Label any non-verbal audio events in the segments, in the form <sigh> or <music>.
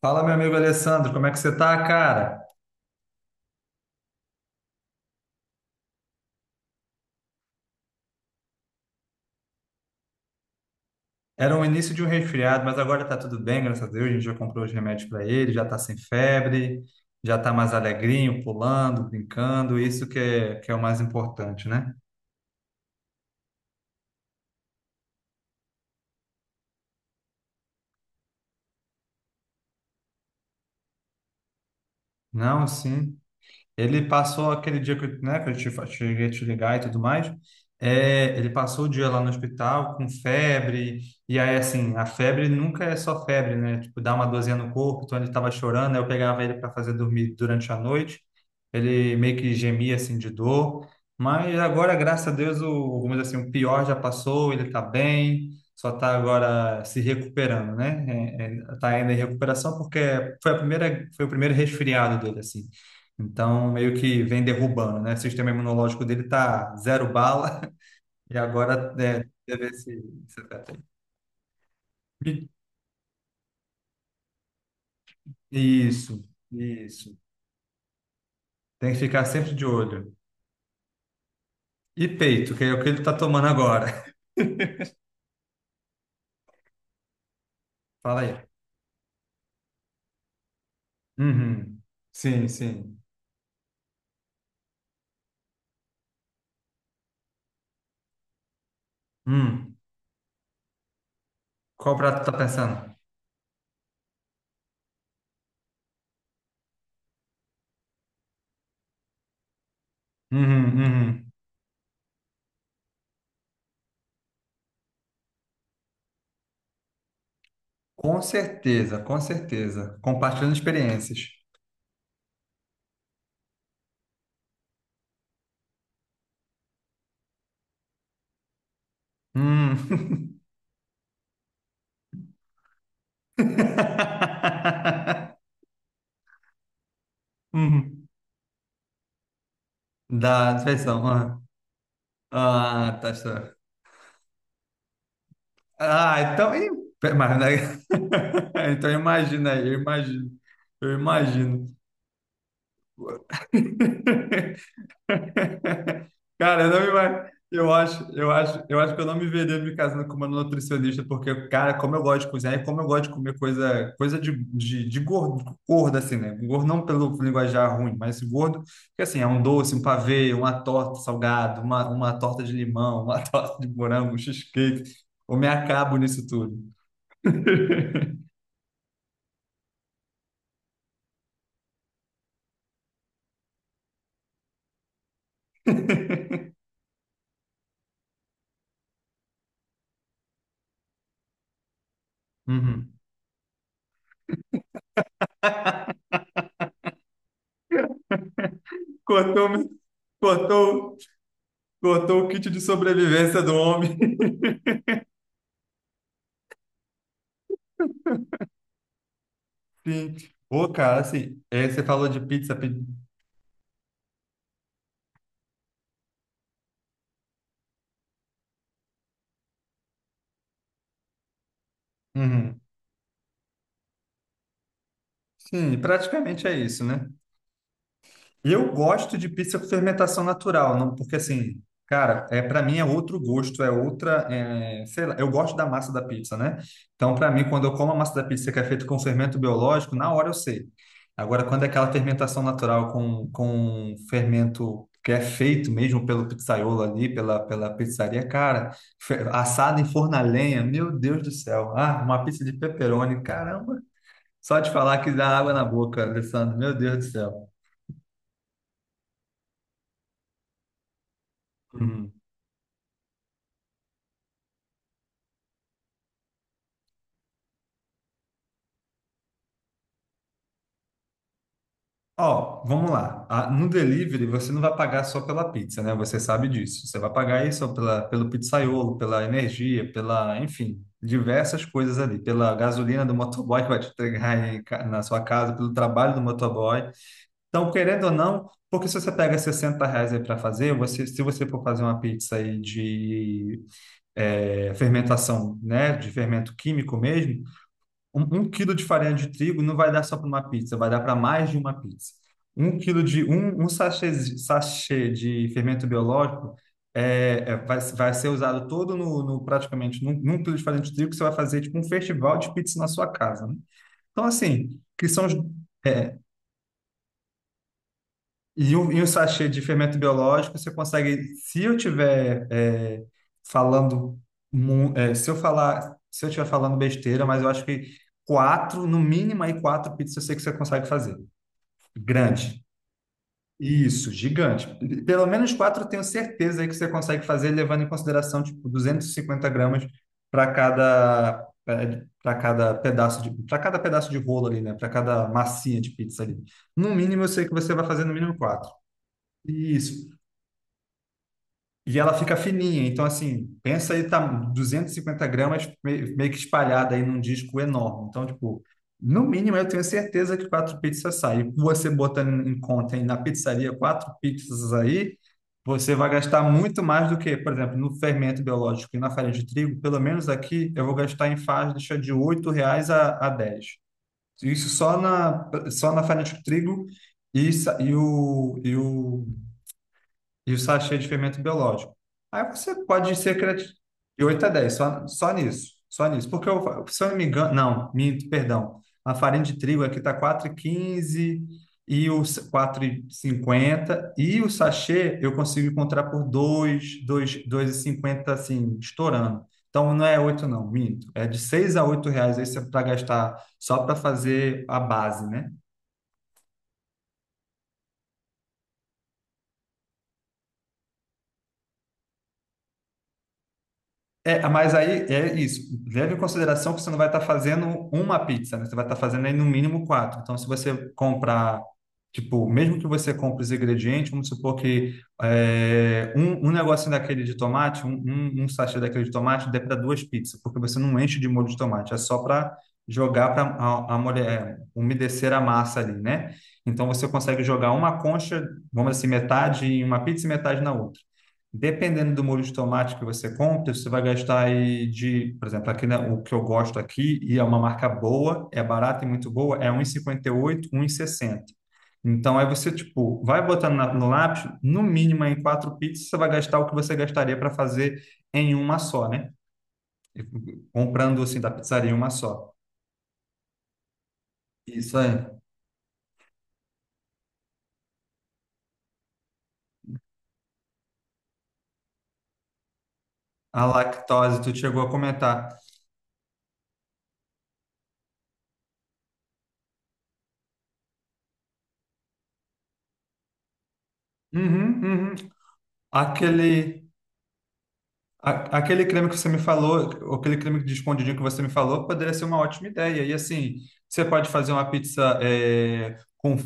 Fala, meu amigo Alessandro, como é que você tá, cara? Era o início de um resfriado, mas agora tá tudo bem, graças a Deus. A gente já comprou os remédios para ele, já tá sem febre, já tá mais alegrinho, pulando, brincando. Isso que é o mais importante, né? Não, sim. Ele passou aquele dia que, né, que eu te, cheguei a te ligar e tudo mais. É, ele passou o dia lá no hospital com febre, e aí, assim, a febre nunca é só febre, né? Tipo, dá uma dorzinha no corpo, então ele estava chorando, aí eu pegava ele para fazer dormir durante a noite. Ele meio que gemia, assim, de dor. Mas agora, graças a Deus, vamos dizer assim, o pior já passou, ele está bem, só está agora se recuperando, né? Está ainda em recuperação porque foi o primeiro resfriado dele, assim. Então, meio que vem derrubando, né? O sistema imunológico dele tá zero bala <laughs> e agora deve esse, teto. E- Isso, isso. Tem que ficar sempre de olho. E peito, que é o que ele tá tomando agora. <laughs> Fala aí. Uhum. Sim, sim. Hum. Qual prato tu tá pensando? Uhum, uhum. Com certeza, com certeza. Compartilhando experiências. Hum. <laughs> Uhum. Da refeição. Ah, ah, tá. Está. Ah, então, ih, mas, né? <laughs> Então imagina aí, eu imagino, eu imagino. <laughs> Cara, eu não me ima- eu acho que eu não me veria me casando com uma nutricionista, porque, cara, como eu gosto de cozinhar e como eu gosto de comer coisa de gordo, gordo, assim, né? Gordo não pelo linguajar ruim, mas gordo, que assim, é um doce, um pavê, uma torta salgada, uma torta de limão, uma <laughs> torta de morango, um cheesecake. Eu me acabo nisso tudo. <laughs> Uhum. Cortou, cortou, cortou o kit de sobrevivência do homem. <laughs> Sim. Ô, cara, assim, é, você falou de pizza. Uhum. Sim, praticamente é isso, né? Eu gosto de pizza com fermentação natural, não, porque assim, cara, para mim é outro gosto, é outra, sei lá, eu gosto da massa da pizza, né? Então, para mim, quando eu como a massa da pizza que é feita com fermento biológico, na hora eu sei. Agora, quando é aquela fermentação natural com fermento que é feito mesmo pelo pizzaiolo ali, pela pizzaria, cara, assada em forno a lenha, meu Deus do céu. Ah, uma pizza de pepperoni, caramba. Só de falar que dá água na boca, Alessandro, meu Deus do céu. Ó, vamos lá. Ah, no delivery, você não vai pagar só pela pizza, né? Você sabe disso. Você vai pagar aí só pelo pizzaiolo, pela energia, enfim, diversas coisas ali. Pela gasolina do motoboy que vai te entregar aí na sua casa, pelo trabalho do motoboy. Então, querendo ou não, porque se você pega 60 reais aí para fazer, se você for fazer uma pizza aí de fermentação, né? De fermento químico mesmo, um quilo de farinha de trigo não vai dar só para uma pizza, vai dar para mais de uma pizza. Um quilo de um sachê de fermento biológico vai ser usado todo praticamente num quilo de farinha de trigo que você vai fazer tipo um festival de pizza na sua casa, né? Então assim, que são é, e o sachê de fermento biológico, você consegue, se eu tiver falando, se eu tiver falando besteira, mas eu acho que quatro, no mínimo aí quatro pizzas eu sei que você consegue fazer. Grande. Isso, gigante. Pelo menos quatro eu tenho certeza aí que você consegue fazer, levando em consideração, tipo, 250 gramas para cada, para cada pedaço de rolo ali, né? Para cada massinha de pizza ali. No mínimo, eu sei que você vai fazer no mínimo quatro. Isso. E ela fica fininha, então assim, pensa aí, tá 250 gramas meio que espalhada aí num disco enorme. Então, tipo, no mínimo eu tenho certeza que quatro pizzas saem. E você botando em conta aí na pizzaria quatro pizzas aí, você vai gastar muito mais do que, por exemplo, no fermento biológico e na farinha de trigo, pelo menos aqui eu vou gastar em faixa de 8 reais a 10. Isso só na farinha de trigo e, sa- e o, e o e o sachê de fermento biológico. Aí você pode ser criativo de 8 a 10 só nisso, só nisso. Porque, se eu não me engano, não, minto, perdão, a farinha de trigo aqui está 4,15 e o 4,50 e o sachê eu consigo encontrar por dois e cinquenta assim, estourando. Então não é 8 não, minto, é de 6 a 8 reais aí para gastar só para fazer a base, né? É, mas aí é isso. Leve em consideração que você não vai estar fazendo uma pizza, né? Você vai estar fazendo aí no mínimo quatro. Então, se você comprar, tipo, mesmo que você compre os ingredientes, vamos supor que um negocinho daquele de tomate, um sachê daquele de tomate, dê para duas pizzas, porque você não enche de molho de tomate, é só para jogar para a mulher umedecer a massa ali, né? Então, você consegue jogar uma concha, vamos dizer assim, metade em uma pizza e metade na outra. Dependendo do molho de tomate que você compra, você vai gastar aí de, por exemplo, aqui, né, o que eu gosto aqui, e é uma marca boa, é barata e muito boa, é um 1,58, sessenta. Então, aí você, tipo, vai botando no lápis, no mínimo em quatro pizzas, você vai gastar o que você gastaria para fazer em uma só, né? Comprando, assim, da pizzaria uma só. Isso aí. A lactose, tu chegou a comentar. Uhum, uhum. Aquele. Aquele creme que você me falou, aquele creme de escondidinho que você me falou, poderia ser uma ótima ideia. E assim, você pode fazer uma pizza com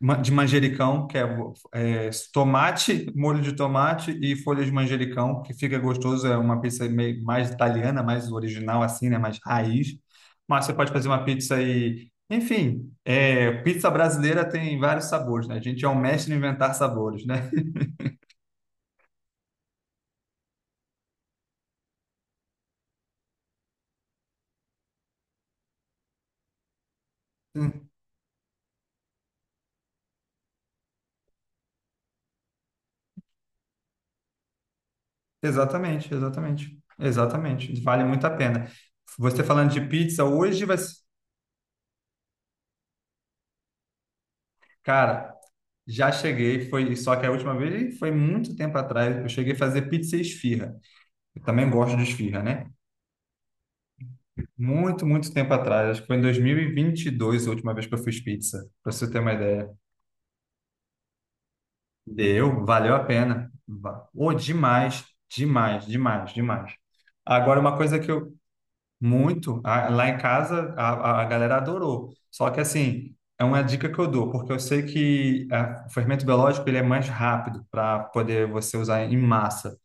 de manjericão, que é, tomate, molho de tomate e folhas de manjericão, que fica gostoso. É uma pizza meio, mais italiana, mais original, assim, né? Mais raiz. Mas você pode fazer uma pizza e, enfim, pizza brasileira tem vários sabores, né? A gente é um mestre em inventar sabores, né? <laughs> Exatamente, exatamente. Exatamente. Vale muito a pena. Você falando de pizza, hoje vai. Cara, já cheguei, foi só que a última vez foi muito tempo atrás. Eu cheguei a fazer pizza e esfirra. Eu também gosto de esfirra, né? Muito, muito tempo atrás. Acho que foi em dois mil e vinte e dois a última vez que eu fiz pizza, para você ter uma ideia. Deu, valeu a pena. Ô, demais, demais, demais, demais. Agora, uma coisa que eu. Muito. Lá em casa, a galera adorou. Só que, assim, é uma dica que eu dou, porque eu sei que o fermento biológico ele é mais rápido para poder você usar em massa.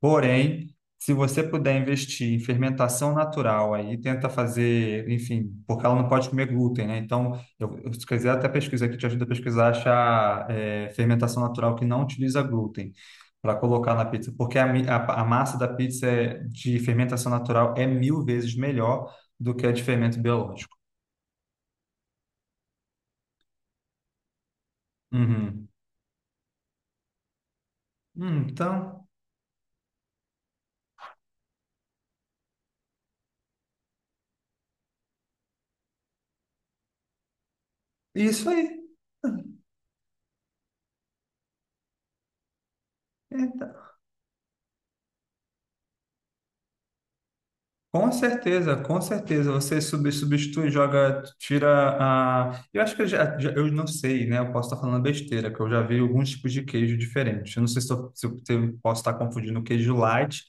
Porém, se você puder investir em fermentação natural, aí tenta fazer, enfim, porque ela não pode comer glúten, né? Então, se quiser até pesquisa aqui, te ajuda a pesquisar, achar fermentação natural que não utiliza glúten para colocar na pizza, porque a massa da pizza de fermentação natural é mil vezes melhor do que a de fermento biológico. Uhum. Então, isso aí. É, tá. Com certeza, com certeza. Você substitui, joga, tira a. Eu acho que eu eu não sei, né? Eu posso estar falando besteira, que eu já vi alguns tipos de queijo diferentes. Eu não sei se eu posso estar confundindo o queijo light,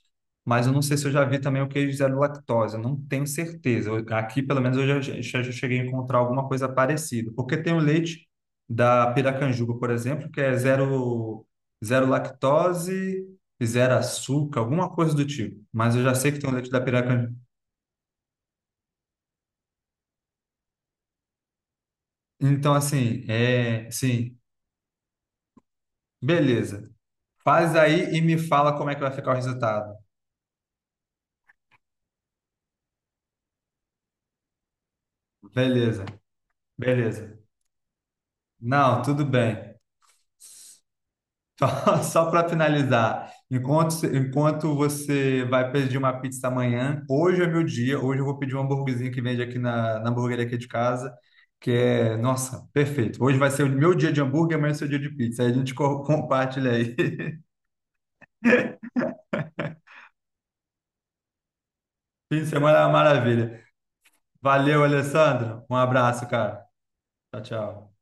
mas eu não sei se eu já vi também o queijo zero lactose. Eu não tenho certeza. Aqui, pelo menos, eu já cheguei a encontrar alguma coisa parecida. Porque tem o leite da Piracanjuba, por exemplo, que é zero lactose. Zero açúcar, alguma coisa do tipo. Mas eu já sei que tem o leite da Piracanjuba. Então, assim, sim, beleza. Faz aí e me fala como é que vai ficar o resultado. Beleza, beleza. Não, tudo bem. Só, <laughs> só para finalizar, enquanto você vai pedir uma pizza amanhã, hoje é meu dia, hoje eu vou pedir um hambúrguerzinho que vende aqui na hamburgueria aqui de casa, que nossa, perfeito. Hoje vai ser o meu dia de hambúrguer, amanhã é o seu dia de pizza. Aí a gente <laughs> compartilha aí. <laughs> Fim de semana é uma maravilha. Valeu, Alessandro. Um abraço, cara. Tchau, tchau.